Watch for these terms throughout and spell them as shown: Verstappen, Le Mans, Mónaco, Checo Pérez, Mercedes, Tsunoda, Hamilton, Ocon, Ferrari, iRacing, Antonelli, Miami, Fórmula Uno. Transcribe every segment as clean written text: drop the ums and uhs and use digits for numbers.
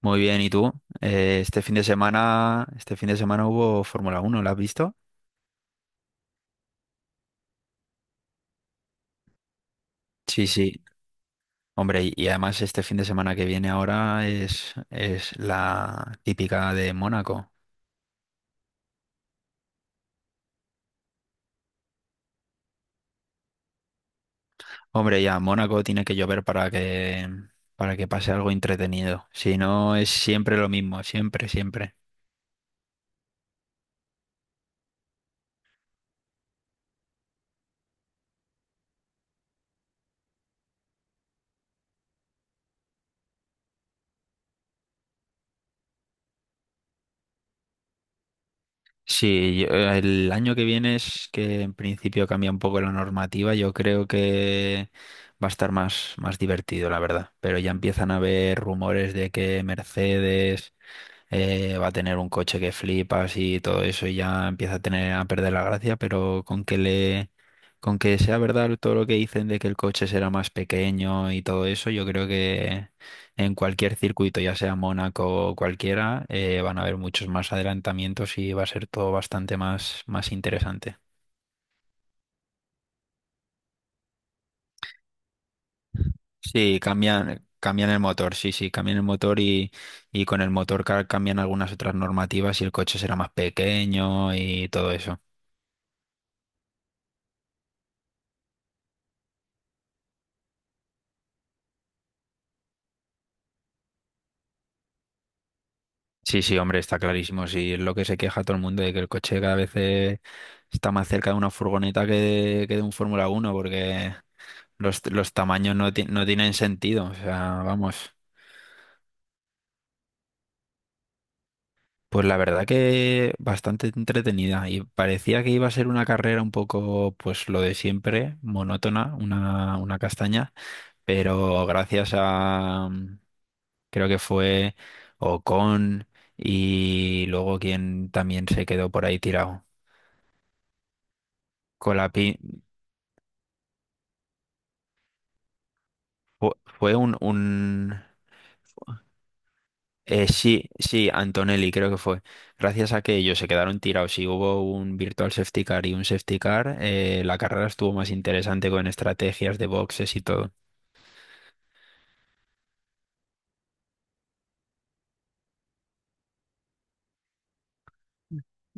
Muy bien, ¿y tú? Este fin de semana, este fin de semana hubo Fórmula 1. ¿La has visto? Sí, sí. Hombre, y además este fin de semana que viene ahora es la típica de Mónaco. Hombre, ya, Mónaco tiene que llover para que pase algo entretenido. Si no, es siempre lo mismo, siempre, siempre. Sí, el año que viene es que en principio cambia un poco la normativa. Yo creo que va a estar más divertido, la verdad. Pero ya empiezan a haber rumores de que Mercedes va a tener un coche que flipas y todo eso y ya empieza a tener a perder la gracia, pero con que sea verdad todo lo que dicen de que el coche será más pequeño y todo eso, yo creo que en cualquier circuito, ya sea Mónaco o cualquiera, van a haber muchos más adelantamientos y va a ser todo bastante más interesante. Sí, cambian el motor, sí, sí, cambian el motor y con el motor cambian algunas otras normativas y el coche será más pequeño y todo eso. Sí, sí, hombre, está clarísimo. Sí, es lo que se queja todo el mundo de que el coche cada vez está más cerca de una furgoneta que de un Fórmula 1, porque los tamaños no, no tienen sentido. O sea, vamos. Pues la verdad que bastante entretenida y parecía que iba a ser una carrera un poco, pues lo de siempre, monótona, una castaña, pero gracias a, creo que fue Ocon y luego quien también se quedó por ahí tirado. Fue un sí, sí, Antonelli creo que fue. Gracias a que ellos se quedaron tirados y hubo un virtual safety car y un safety car, la carrera estuvo más interesante con estrategias de boxes y todo.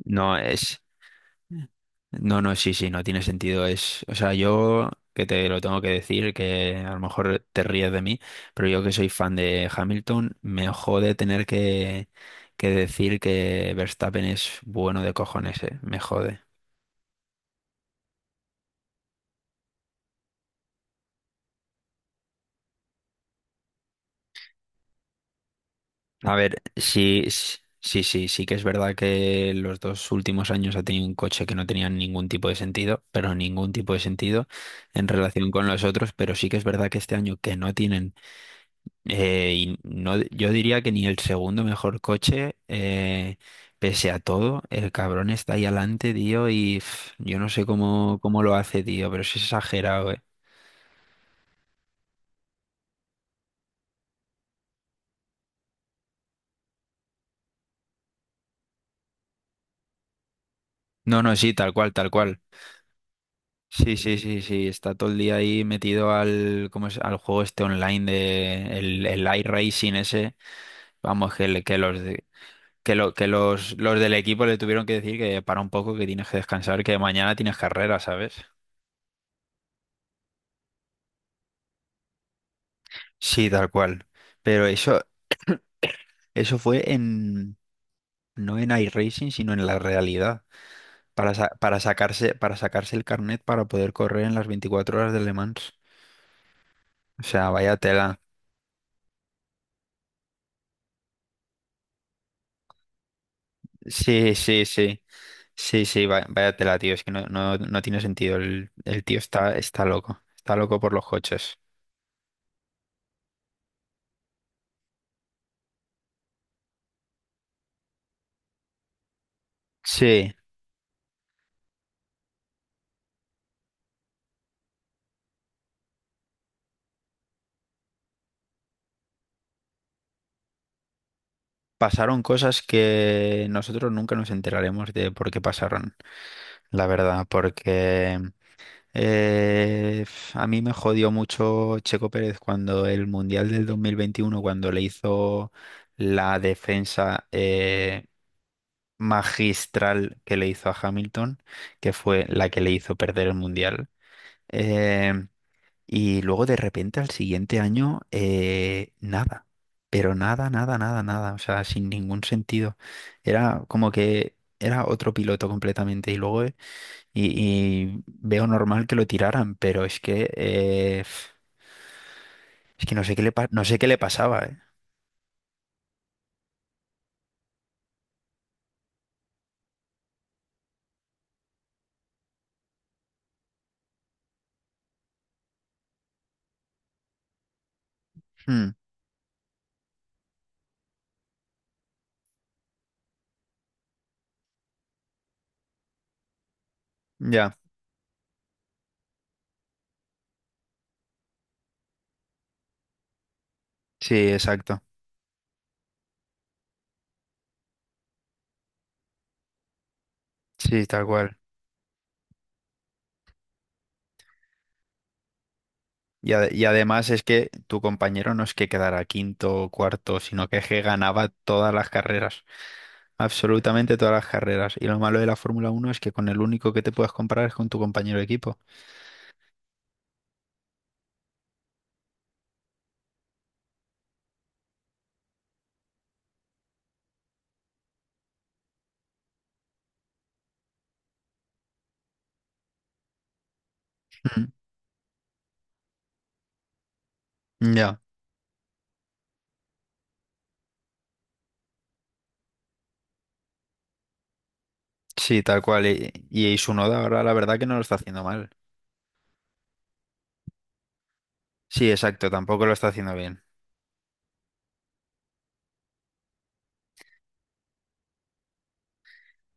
No es, no, no, sí, sí, no tiene sentido. Es, o sea, yo que te lo tengo que decir, que a lo mejor te ríes de mí, pero yo que soy fan de Hamilton, me jode tener que decir que Verstappen es bueno de cojones, me jode. A ver, sí, sí, sí, sí que es verdad que los dos últimos años ha tenido un coche que no tenía ningún tipo de sentido, pero ningún tipo de sentido en relación con los otros, pero sí que es verdad que este año que no tienen, y no, yo diría que ni el segundo mejor coche, pese a todo, el cabrón está ahí adelante, tío, y pf, yo no sé cómo lo hace, tío, pero es exagerado, eh. No, no, sí, tal cual, tal cual. Sí, sí, sí, sí, está todo el día ahí metido al, ¿cómo es? Al juego este online de el iRacing ese. Vamos, los del equipo le tuvieron que decir que para un poco, que tienes que descansar, que mañana tienes carrera, ¿sabes? Sí, tal cual. Pero eso, eso fue en, no en iRacing, sino en la realidad. Para sacarse el carnet para poder correr en las 24 horas de Le Mans. O sea, vaya tela. Sí, sí, sí. Sí, sí, vaya tela, tío. Es que no, no, no tiene sentido. El tío está, está loco. Está loco por los coches. Sí, pasaron cosas que nosotros nunca nos enteraremos de por qué pasaron, la verdad, porque a mí me jodió mucho Checo Pérez cuando el Mundial del 2021 cuando le hizo la defensa magistral que le hizo a Hamilton, que fue la que le hizo perder el Mundial. eh, Y luego de repente al siguiente año, nada, pero nada, nada, nada, nada, o sea, sin ningún sentido. Era como que era otro piloto completamente y luego y veo normal que lo tiraran, pero es que no sé qué no sé qué le pasaba, ¿eh? Mm, ya, sí, exacto, sí, tal cual. Y, y además es que tu compañero no es que quedara quinto o cuarto, sino que, es que ganaba todas las carreras. Absolutamente todas las carreras. Y lo malo de la Fórmula 1 es que con el único que te puedes comparar es con tu compañero de equipo. Mm. Ya, sí, tal cual. Y Tsunoda ahora la verdad que no lo está haciendo mal. Sí, exacto, tampoco lo está haciendo bien.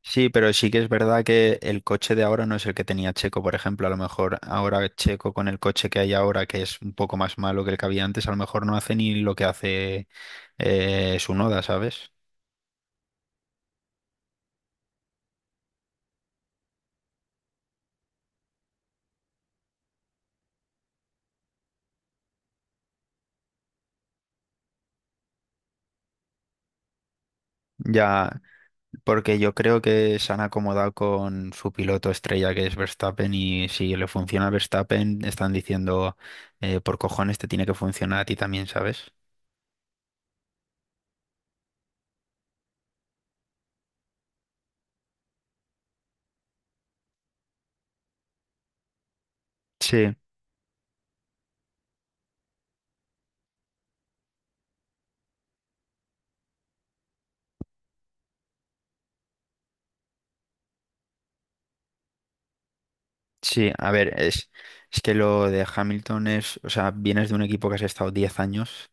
Sí, pero sí que es verdad que el coche de ahora no es el que tenía Checo, por ejemplo. A lo mejor ahora Checo con el coche que hay ahora, que es un poco más malo que el que había antes, a lo mejor no hace ni lo que hace Tsunoda, ¿sabes? Ya. Porque yo creo que se han acomodado con su piloto estrella que es Verstappen y si le funciona a Verstappen están diciendo por cojones te tiene que funcionar a ti también, ¿sabes? Sí, sí, a ver, es que lo de Hamilton es, o sea, vienes de un equipo que has estado 10 años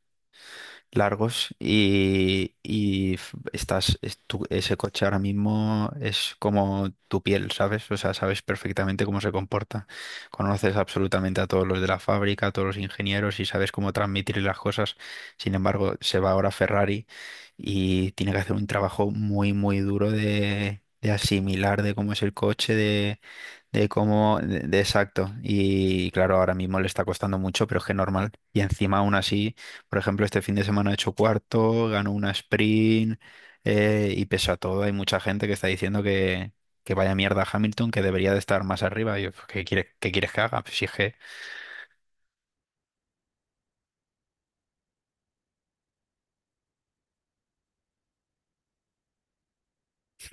largos y estás, ese coche ahora mismo es como tu piel, ¿sabes? O sea, sabes perfectamente cómo se comporta. Conoces absolutamente a todos los de la fábrica, a todos los ingenieros y sabes cómo transmitir las cosas. Sin embargo, se va ahora Ferrari y tiene que hacer un trabajo muy, muy duro de asimilar de cómo es el coche, de cómo, de exacto. Y claro, ahora mismo le está costando mucho, pero es que normal. Y encima, aún así, por ejemplo, este fin de semana ha hecho cuarto, ganó una sprint, y pese a todo, hay mucha gente que está diciendo que vaya mierda Hamilton, que debería de estar más arriba. Y yo, pues, qué quieres que haga? Pues si es que.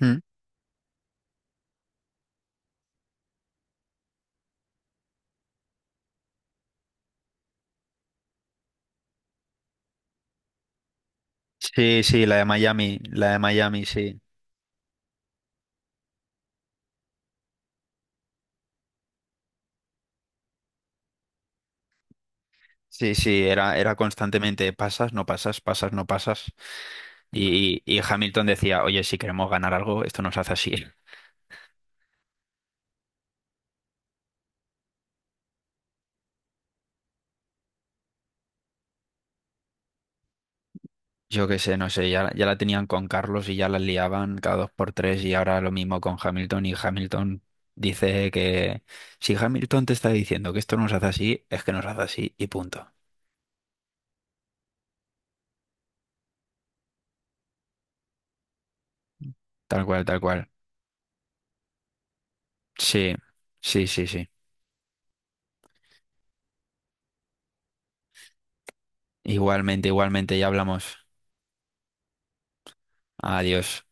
Mm. Sí, sí, la de Miami, sí. Sí, sí, era constantemente pasas, no pasas, pasas, no pasas. Y Hamilton decía, oye, si queremos ganar algo, esto nos hace así. Yo qué sé, no sé, ya, ya la tenían con Carlos y ya la liaban cada dos por tres y ahora lo mismo con Hamilton y Hamilton dice que si Hamilton te está diciendo que esto nos hace así, es que nos hace así y punto. Tal cual, tal cual. Sí, sí, sí, sí. Igualmente, igualmente, ya hablamos. Adiós.